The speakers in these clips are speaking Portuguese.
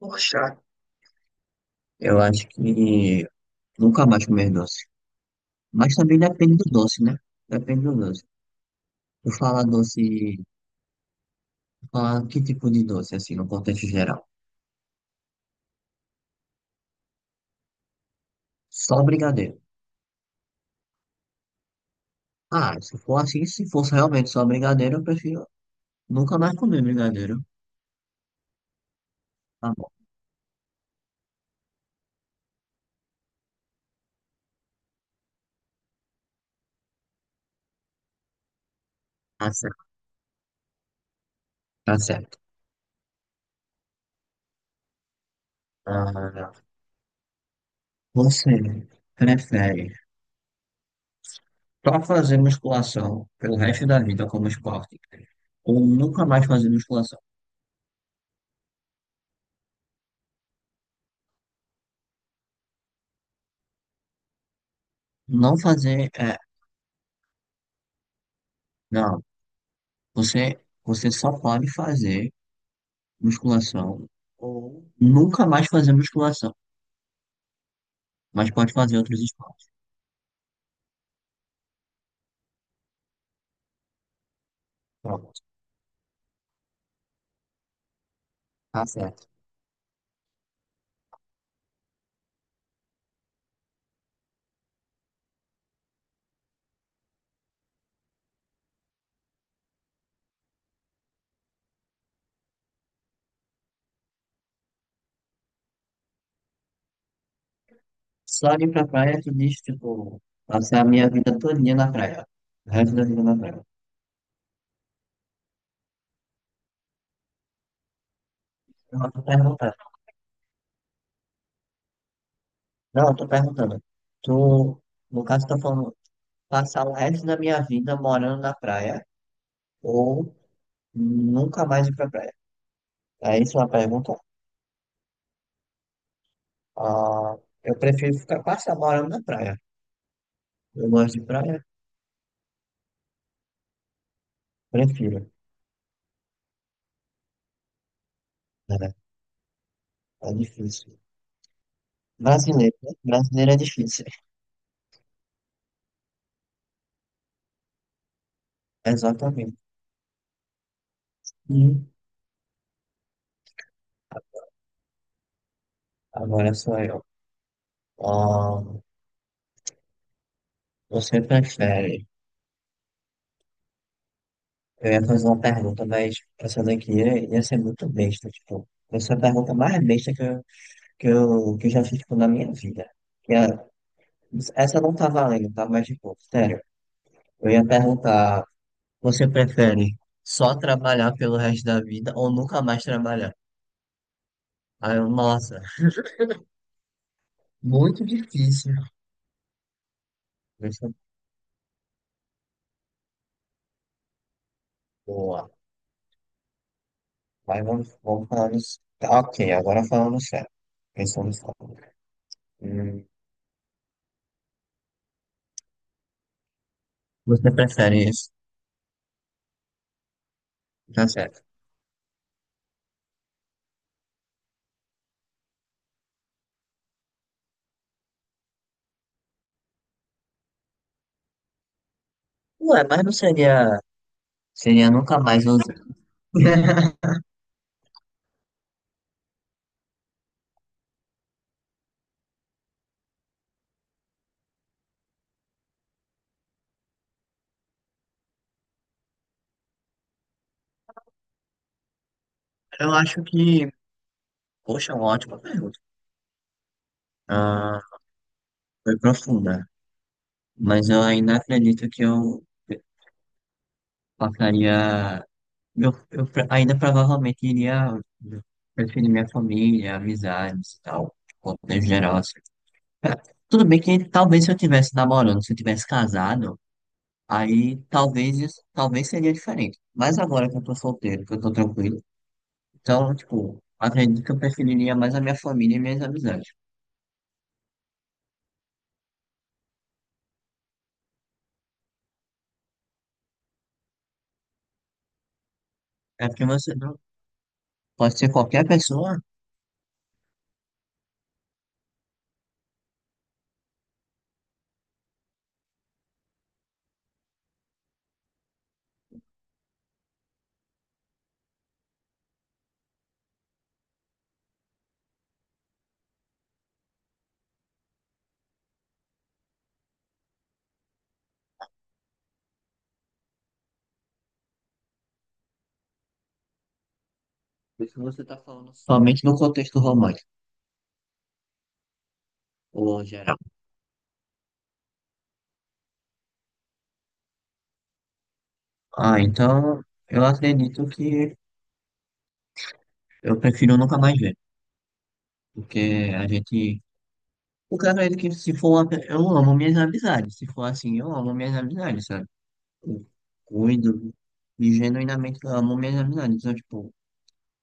Poxa, eu acho que nunca mais comer doce. Mas também depende do doce, né? Depende do doce. Eu fala doce, tu fala que tipo de doce, assim, no contexto geral? Só brigadeiro. Ah, se for assim, se fosse realmente só brigadeiro, eu prefiro nunca mais comer brigadeiro. Tá bom, tá certo. Tá certo. Ah, você prefere só fazer musculação pelo resto da vida como esporte ou nunca mais fazer musculação? Não fazer, é, não. Você, você só pode fazer musculação ou nunca mais fazer musculação, mas pode fazer outros esportes. Pronto, tá certo. Só de ir pra praia, tu diz, tipo, passar a minha vida todinha na praia. O resto da vida na praia. Não, eu tô perguntando. Não, eu tô perguntando. Tu, no caso, tá falando passar o resto da minha vida morando na praia ou nunca mais ir pra praia. É isso a pergunta? Ah, eu prefiro ficar passar morando na praia. Eu gosto de praia, prefiro. É, é difícil. Brasileiro, né? Brasileiro é difícil. Exatamente. Hum. Agora sou eu. Ah, você prefere? Eu ia fazer uma pergunta, mas essa daqui ia ser muito besta, tipo. Essa é a pergunta mais besta que eu já fiz, tipo, na minha vida. Que é, essa não tá valendo, tá? Mas, tipo, sério. Eu ia perguntar, você prefere só trabalhar pelo resto da vida ou nunca mais trabalhar? Aí eu, nossa, muito difícil. É Boa. Mas vamos falando. Tá, ok, agora falando sério. Pensando sério. Hum, você prefere isso? Tá certo. Ué, mas não seria. Seria nunca mais usar. Eu acho que. Poxa, é uma ótima pergunta. Ah, foi profunda. Mas eu ainda acredito que eu passaria. Ainda provavelmente iria preferir minha família, amizades e tal. De contexto geral, assim. É, tudo bem que talvez se eu tivesse namorando, se eu tivesse casado. Aí talvez isso, talvez seria diferente. Mas agora que eu tô solteiro, que eu tô tranquilo, então, tipo, acredito que eu preferiria mais a minha família e minhas amizades. É porque você não pode ser qualquer pessoa, porque você tá falando somente no contexto romântico, ou geral. Ah, então eu acredito que eu prefiro nunca mais ver. Porque a gente. O cara é que se for uma... Eu amo minhas amizades. Se for assim, eu amo minhas amizades, sabe? Eu cuido e genuinamente eu amo minhas amizades. Então, tipo.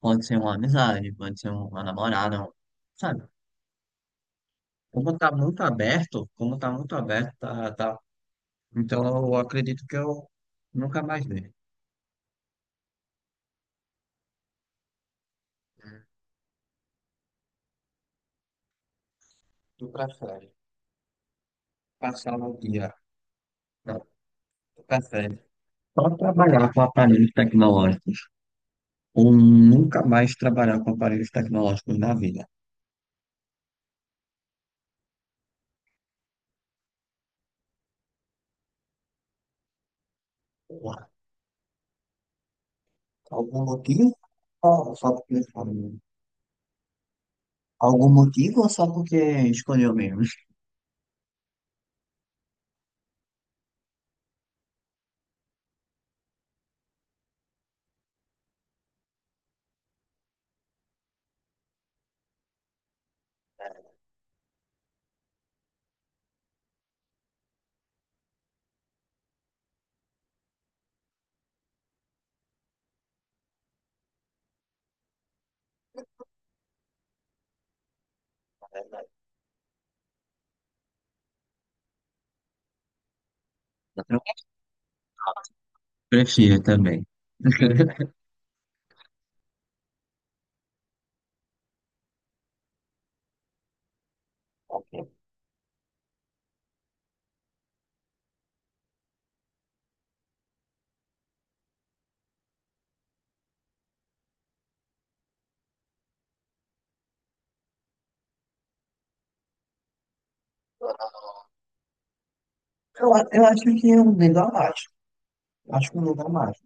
Pode ser uma amizade, pode ser uma namorada, sabe? Como tá muito aberto, tá, tá. Então eu acredito que eu nunca mais dei. Tu prefere passar o dia, não, tu prefere só trabalhar com aparelhos tecnológicos ou nunca mais trabalhar com aparelhos tecnológicos na vida? Porra, algum motivo? Ou só porque escolheu? Algum motivo ou só porque escolheu mesmo? Prefiro também. Eu acho que é um lugar mágico. Acho que é um lugar mágico.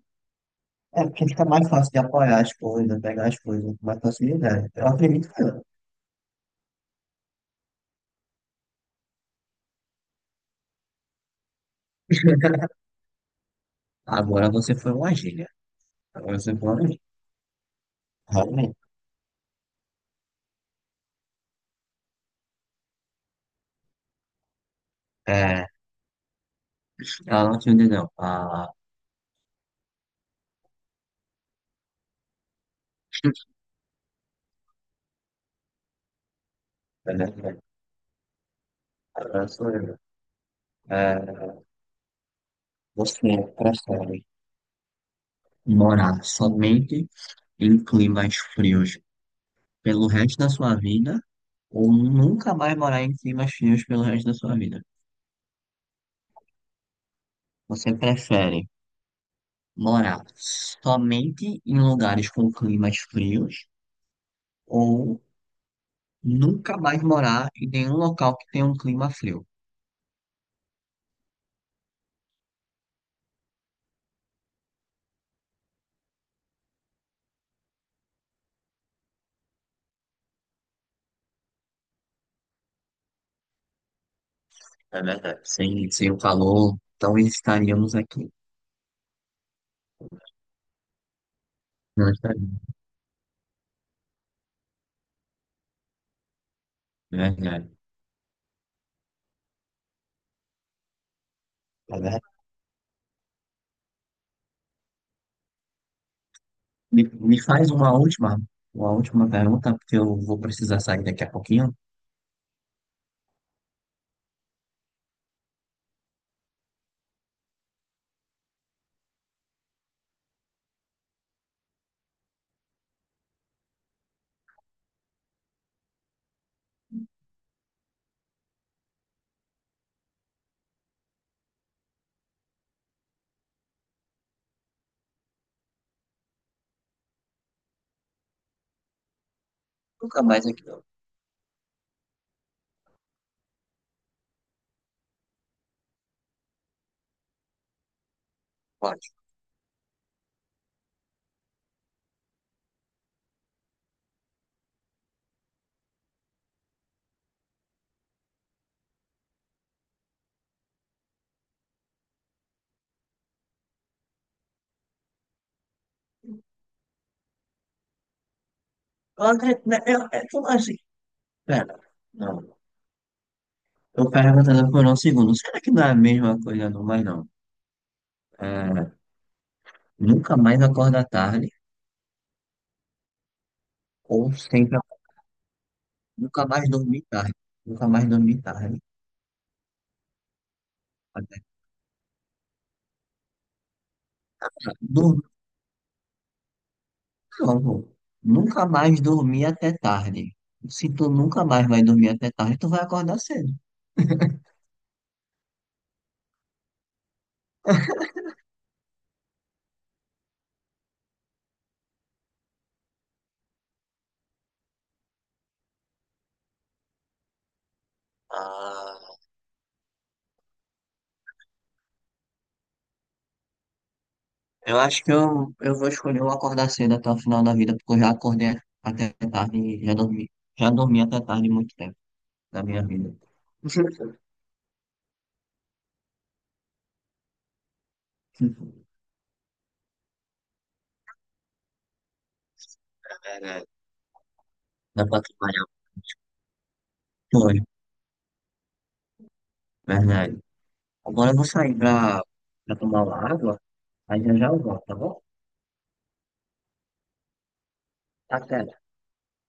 É porque fica mais fácil de apoiar as coisas, pegar as coisas com mais facilidade. Eu acredito que não. Agora você foi uma gíria. Agora você foi uma gíria. Realmente. É, ela não te entendeu. Ah, é verdade. Agora sou eu. É, você prefere morar somente em climas frios pelo resto da sua vida ou nunca mais morar em climas frios pelo resto da sua vida? Você prefere morar somente em lugares com climas frios ou nunca mais morar em nenhum local que tenha um clima frio. É verdade. Sem o calor, então estaríamos aqui. Não estaríamos. É verdade. É verdade. Me, me faz uma última, Uma última pergunta, porque eu vou precisar sair daqui a pouquinho. Nunca mais aqui, não. Pode. André, né, eu, é tudo assim. Pera. Não. Eu perguntando por um segundo. Será que não é a mesma coisa, não? Mas não. É, nunca mais acorda tarde. Ou sempre, nunca mais dormir tarde. Nunca mais dormir tarde. Até tarde. Dormi, não, pô. Nunca mais dormir até tarde. Se tu nunca mais vai dormir até tarde, tu vai acordar cedo. Ah, eu acho que eu vou escolher o acordar cedo até o final da vida, porque eu já acordei até tarde e já dormi. Já dormi até tarde muito tempo da minha vida. É verdade. Dá pra trabalhar muito. Verdade. Agora eu vou sair pra tomar uma água, aí já já eu volto, tá bom? Até.